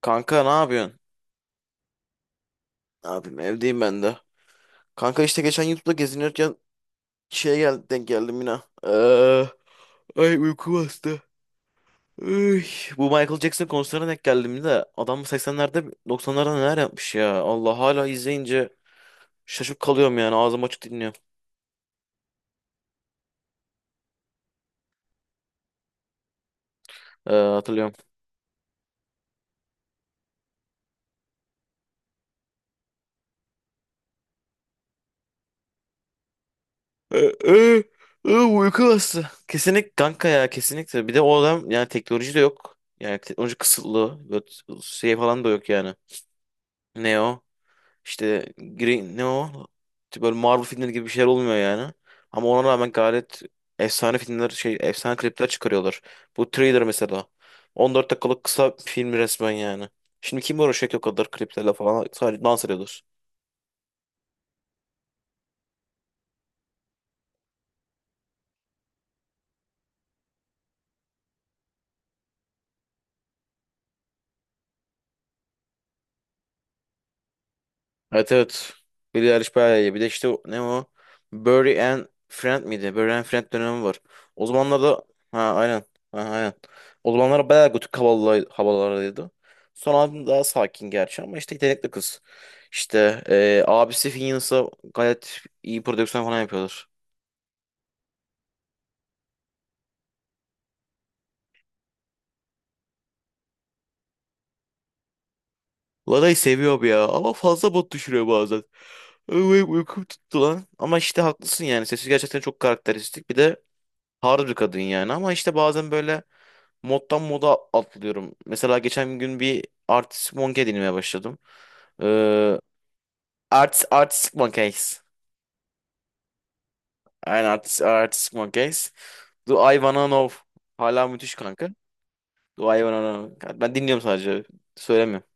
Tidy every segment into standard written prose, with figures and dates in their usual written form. Kanka ne yapıyorsun? Ne yapayım evdeyim ben de. Kanka işte geçen YouTube'da gezinirken şeye gel denk geldim yine. Ee, ay uyku bastı. Üy, bu Michael Jackson konserine denk geldim de adam 80'lerde 90'larda neler yapmış ya. Allah hala izleyince şaşıp kalıyorum yani ağzım açık dinliyorum. Hatırlıyorum. Ee, ee, uyku bastı. Kesinlik kanka ya kesinlikle. Bir de o adam yani teknoloji de yok. Yani teknoloji kısıtlı. Böyle şey falan da yok yani. Ne o? İşte Green ne o? İşte böyle Marvel filmleri gibi bir şeyler olmuyor yani. Ama ona rağmen gayet efsane filmler şey efsane klipler çıkarıyorlar. Bu Thriller mesela. 14 dakikalık kısa film resmen yani. Şimdi kim uğraşacak o kadar kliplerle falan sadece dans ediyorlar. Evet, evet. Billie Eilish bayağı iyi. Bir de işte ne o? Burry and Friend miydi? Burry and Friend dönemi var. O zamanlarda, ha, aynen. Ha, aynen. O zamanlar bayağı gotik havalardaydı. Son albüm daha sakin gerçi ama işte yetenekli kız. İşte abisi Finneas'a gayet iyi prodüksiyon falan yapıyorlar. Lara'yı seviyorum ya ama fazla bot düşürüyor bazen. Ay, uykum tuttu lan. Ama işte haklısın yani. Sesi gerçekten çok karakteristik. Bir de hard bir kadın yani. Ama işte bazen böyle moddan moda atlıyorum. Mesela geçen gün bir artist monkey dinlemeye başladım. Ee, artistic monkeys. Aynen artistic monkeys. Do I Wanna Know. Hala müthiş kanka. Do I Wanna Know. Ben dinliyorum sadece. Söylemiyorum.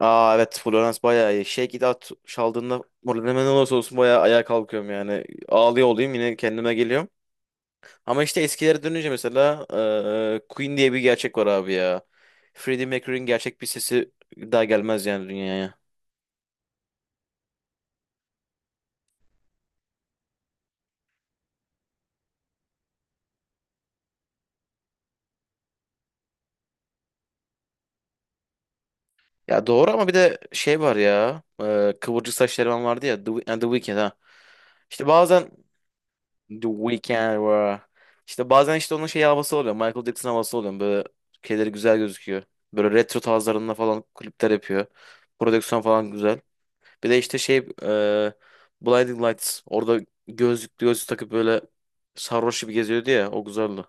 Aa, evet, Florence bayağı iyi. Shake It Out çaldığında moralim ne olursa olsun bayağı ayağa kalkıyorum yani. Ağlıyor olayım yine kendime geliyorum. Ama işte eskilere dönünce mesela Queen diye bir gerçek var abi ya. Freddie Mercury'nin gerçek bir sesi daha gelmez yani dünyaya. Ya doğru ama bir de şey var ya. Kıvırcık saç eleman vardı ya. The Weeknd ha. İşte bazen The Weeknd var. İşte bazen işte onun şey havası oluyor. Michael Jackson havası oluyor. Böyle şeyleri güzel gözüküyor. Böyle retro tarzlarında falan klipler yapıyor. Prodüksiyon falan güzel. Bir de işte şey Blinding Lights. Orada gözlük gözlük takıp böyle sarhoş gibi geziyordu ya. O güzeldi.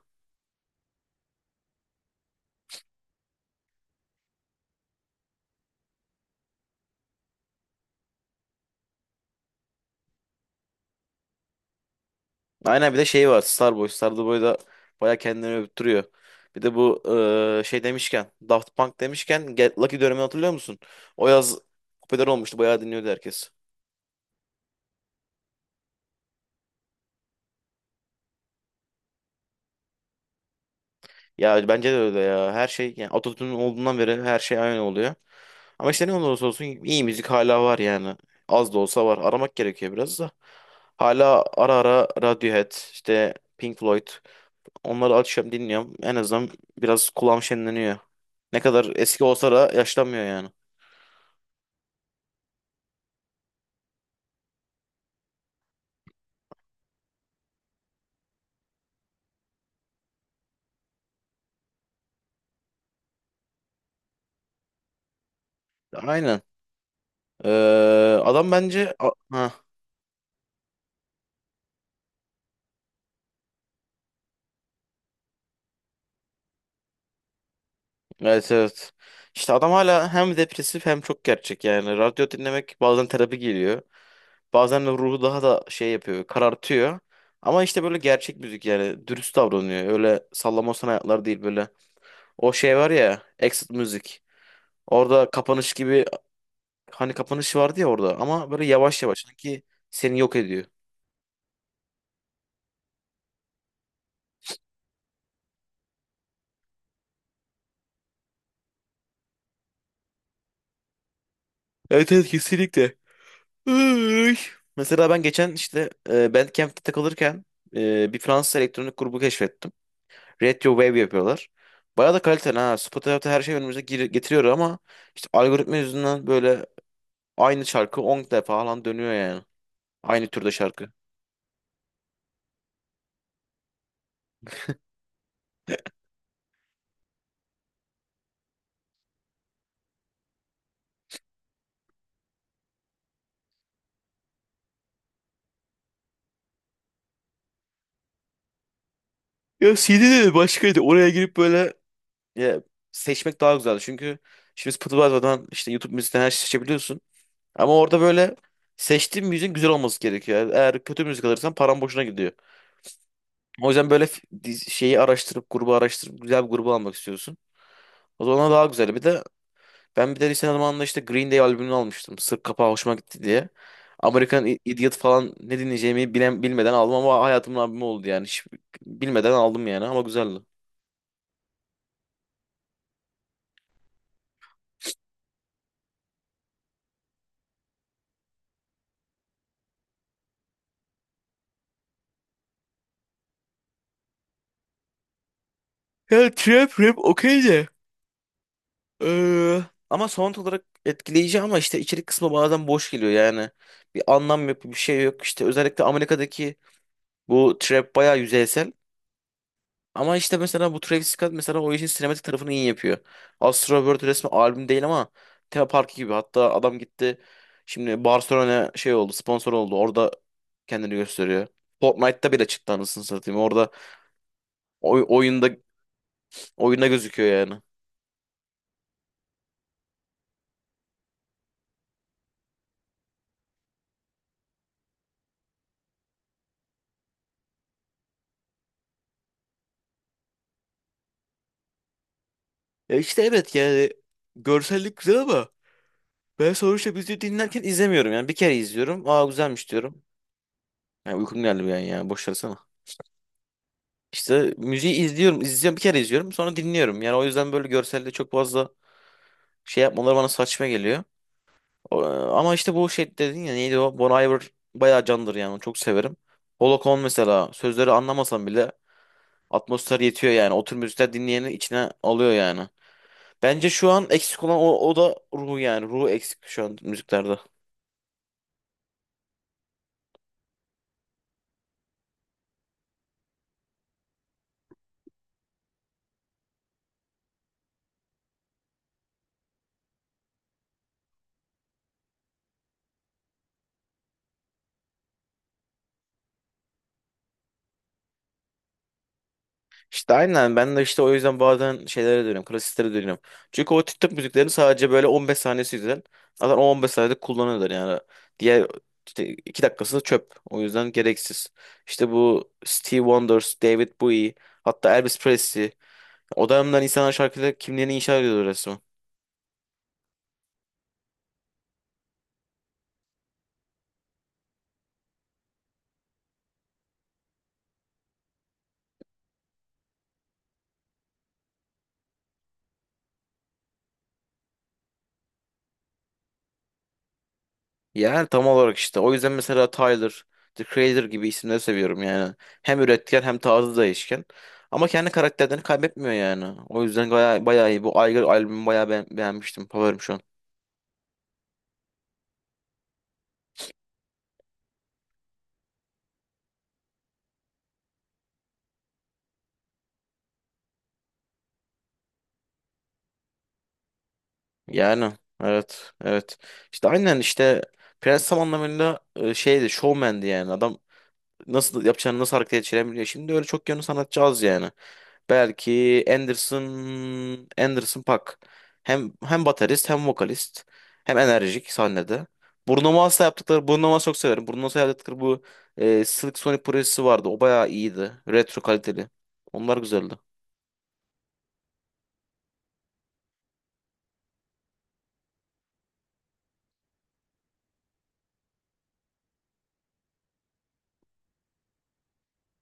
Aynen, bir de şey var. Starboy. Starboy da baya kendini övüttürüyor. Bir de bu şey demişken Daft Punk demişken Get Lucky dönemini hatırlıyor musun? O yaz popüler olmuştu. Bayağı dinliyordu herkes. Ya bence de öyle ya. Her şey yani Atatürk'ün olduğundan beri her şey aynı oluyor. Ama işte ne olursa olsun iyi müzik hala var yani. Az da olsa var. Aramak gerekiyor biraz da. Hala ara ara Radiohead, işte Pink Floyd. Onları açıyorum dinliyorum. En azından biraz kulağım şenleniyor. Ne kadar eski olsa da yaşlanmıyor yani. Aynen. Ee, adam bence... Ha. Evet, evet. İşte adam hala hem depresif hem çok gerçek yani. Radyo dinlemek bazen terapi geliyor. Bazen de ruhu daha da şey yapıyor, karartıyor. Ama işte böyle gerçek müzik yani dürüst davranıyor. Öyle sallamosan hayatlar değil böyle. O şey var ya, Exit müzik. Orada kapanış gibi hani kapanış vardı ya orada ama böyle yavaş yavaş sanki seni yok ediyor. Evet, evet, kesinlikle. Iy. Mesela ben geçen işte Bandcamp'te takılırken bir Fransız elektronik grubu keşfettim. Retro Wave yapıyorlar. Bayağı da kaliteli ha. Spotify her şey önümüze getiriyor ama işte algoritma yüzünden böyle aynı şarkı 10 falan dönüyor yani. Aynı türde şarkı. Ya CD de başkaydı. Oraya girip böyle, ya, seçmek daha güzeldi. Çünkü şimdi Spotify'dan işte YouTube müzikten her şeyi seçebiliyorsun. Ama orada böyle seçtiğin müziğin güzel olması gerekiyor. Yani eğer kötü müzik alırsan paran boşuna gidiyor. O yüzden böyle şeyi araştırıp grubu araştırıp güzel bir grubu almak istiyorsun. O zaman daha güzel. Bir de Ben bir de lise zamanında işte Green Day albümünü almıştım. Sırf kapağı hoşuma gitti diye. American Idiot falan ne dinleyeceğimi bilmeden aldım ama hayatımın albümü oldu yani. Hiç bilmeden aldım yani ama güzeldi. Ya trap rap okey de. Ee, ama sound olarak etkileyici ama işte içerik kısmı bazen boş geliyor yani. Bir anlam yok bir şey yok. İşte özellikle Amerika'daki bu trap bayağı yüzeysel. Ama işte mesela bu Travis Scott mesela o işin sinematik tarafını iyi yapıyor. Astro World resmi albüm değil ama tema parkı gibi. Hatta adam gitti şimdi Barcelona şey oldu sponsor oldu. Orada kendini gösteriyor. Fortnite'ta bile çıktı anasını satayım. Orada oy- oyunda oyunda gözüküyor yani. Ya işte evet yani görsellik güzel ama ben sonuçta müziği dinlerken izlemiyorum. Yani bir kere izliyorum. Aa, güzelmiş diyorum. Yani uykum geldi bir an yani boş versene. İşte müziği izliyorum bir kere izliyorum sonra dinliyorum. Yani o yüzden böyle görselde çok fazla şey yapmaları bana saçma geliyor. Ama işte bu şey dedin ya neydi o? Bon Iver bayağı candır yani onu çok severim. Pola mesela sözleri anlamasam bile atmosfer yetiyor yani. O tür müzikler dinleyeni içine alıyor yani. Bence şu an eksik olan o da ruhu yani. Ruhu eksik şu an müziklerde. İşte aynen ben de işte o yüzden bazen şeylere dönüyorum. Klasiklere dönüyorum. Çünkü o TikTok müziklerini sadece böyle 15 saniyesi güzel. Zaten o 15 saniyede kullanıyorlar yani. Diğer işte 2 dakikası da çöp. O yüzden gereksiz. İşte bu Stevie Wonder, David Bowie, hatta Elvis Presley. O dönemden insanlar şarkıda kimliğini inşa ediyordu resmen. Yani tam olarak işte. O yüzden mesela Tyler, The Creator gibi isimleri seviyorum yani. Hem üretken hem tarzı değişken. Ama kendi karakterlerini kaybetmiyor yani. O yüzden bayağı, bayağı iyi. Bu Aygır albümü bayağı beğenmiştim. Favorim şu an. Yani, evet, evet. İşte aynen işte Prens tam anlamıyla şeydi showman'di yani. Adam nasıl yapacağını nasıl harekete geçirebiliyor. Şimdi öyle çok yönlü sanatçı az yani. Belki Anderson Paak. Hem baterist hem vokalist hem enerjik sahnede. Bruno Mars'ı çok severim. Bruno Mars'la yaptıkları bu Silk Sonic projesi vardı. O bayağı iyiydi. Retro kaliteli. Onlar güzeldi.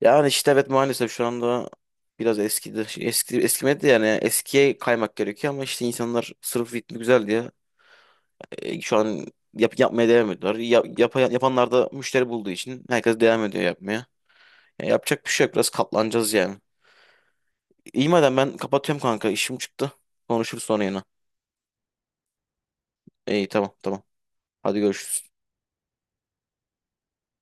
Yani işte evet maalesef şu anda biraz eskidi. Şey, eskimedi de yani eskiye kaymak gerekiyor ama işte insanlar sırf ritmi güzel diye şu an yapmaya devam ediyorlar. Yapanlar da müşteri bulduğu için herkes devam ediyor yapmaya. Ya yapacak bir şey yok. Biraz katlanacağız yani. İyi madem ben kapatıyorum kanka. İşim çıktı. Konuşuruz sonra yine. İyi, tamam, tamam. Hadi görüşürüz.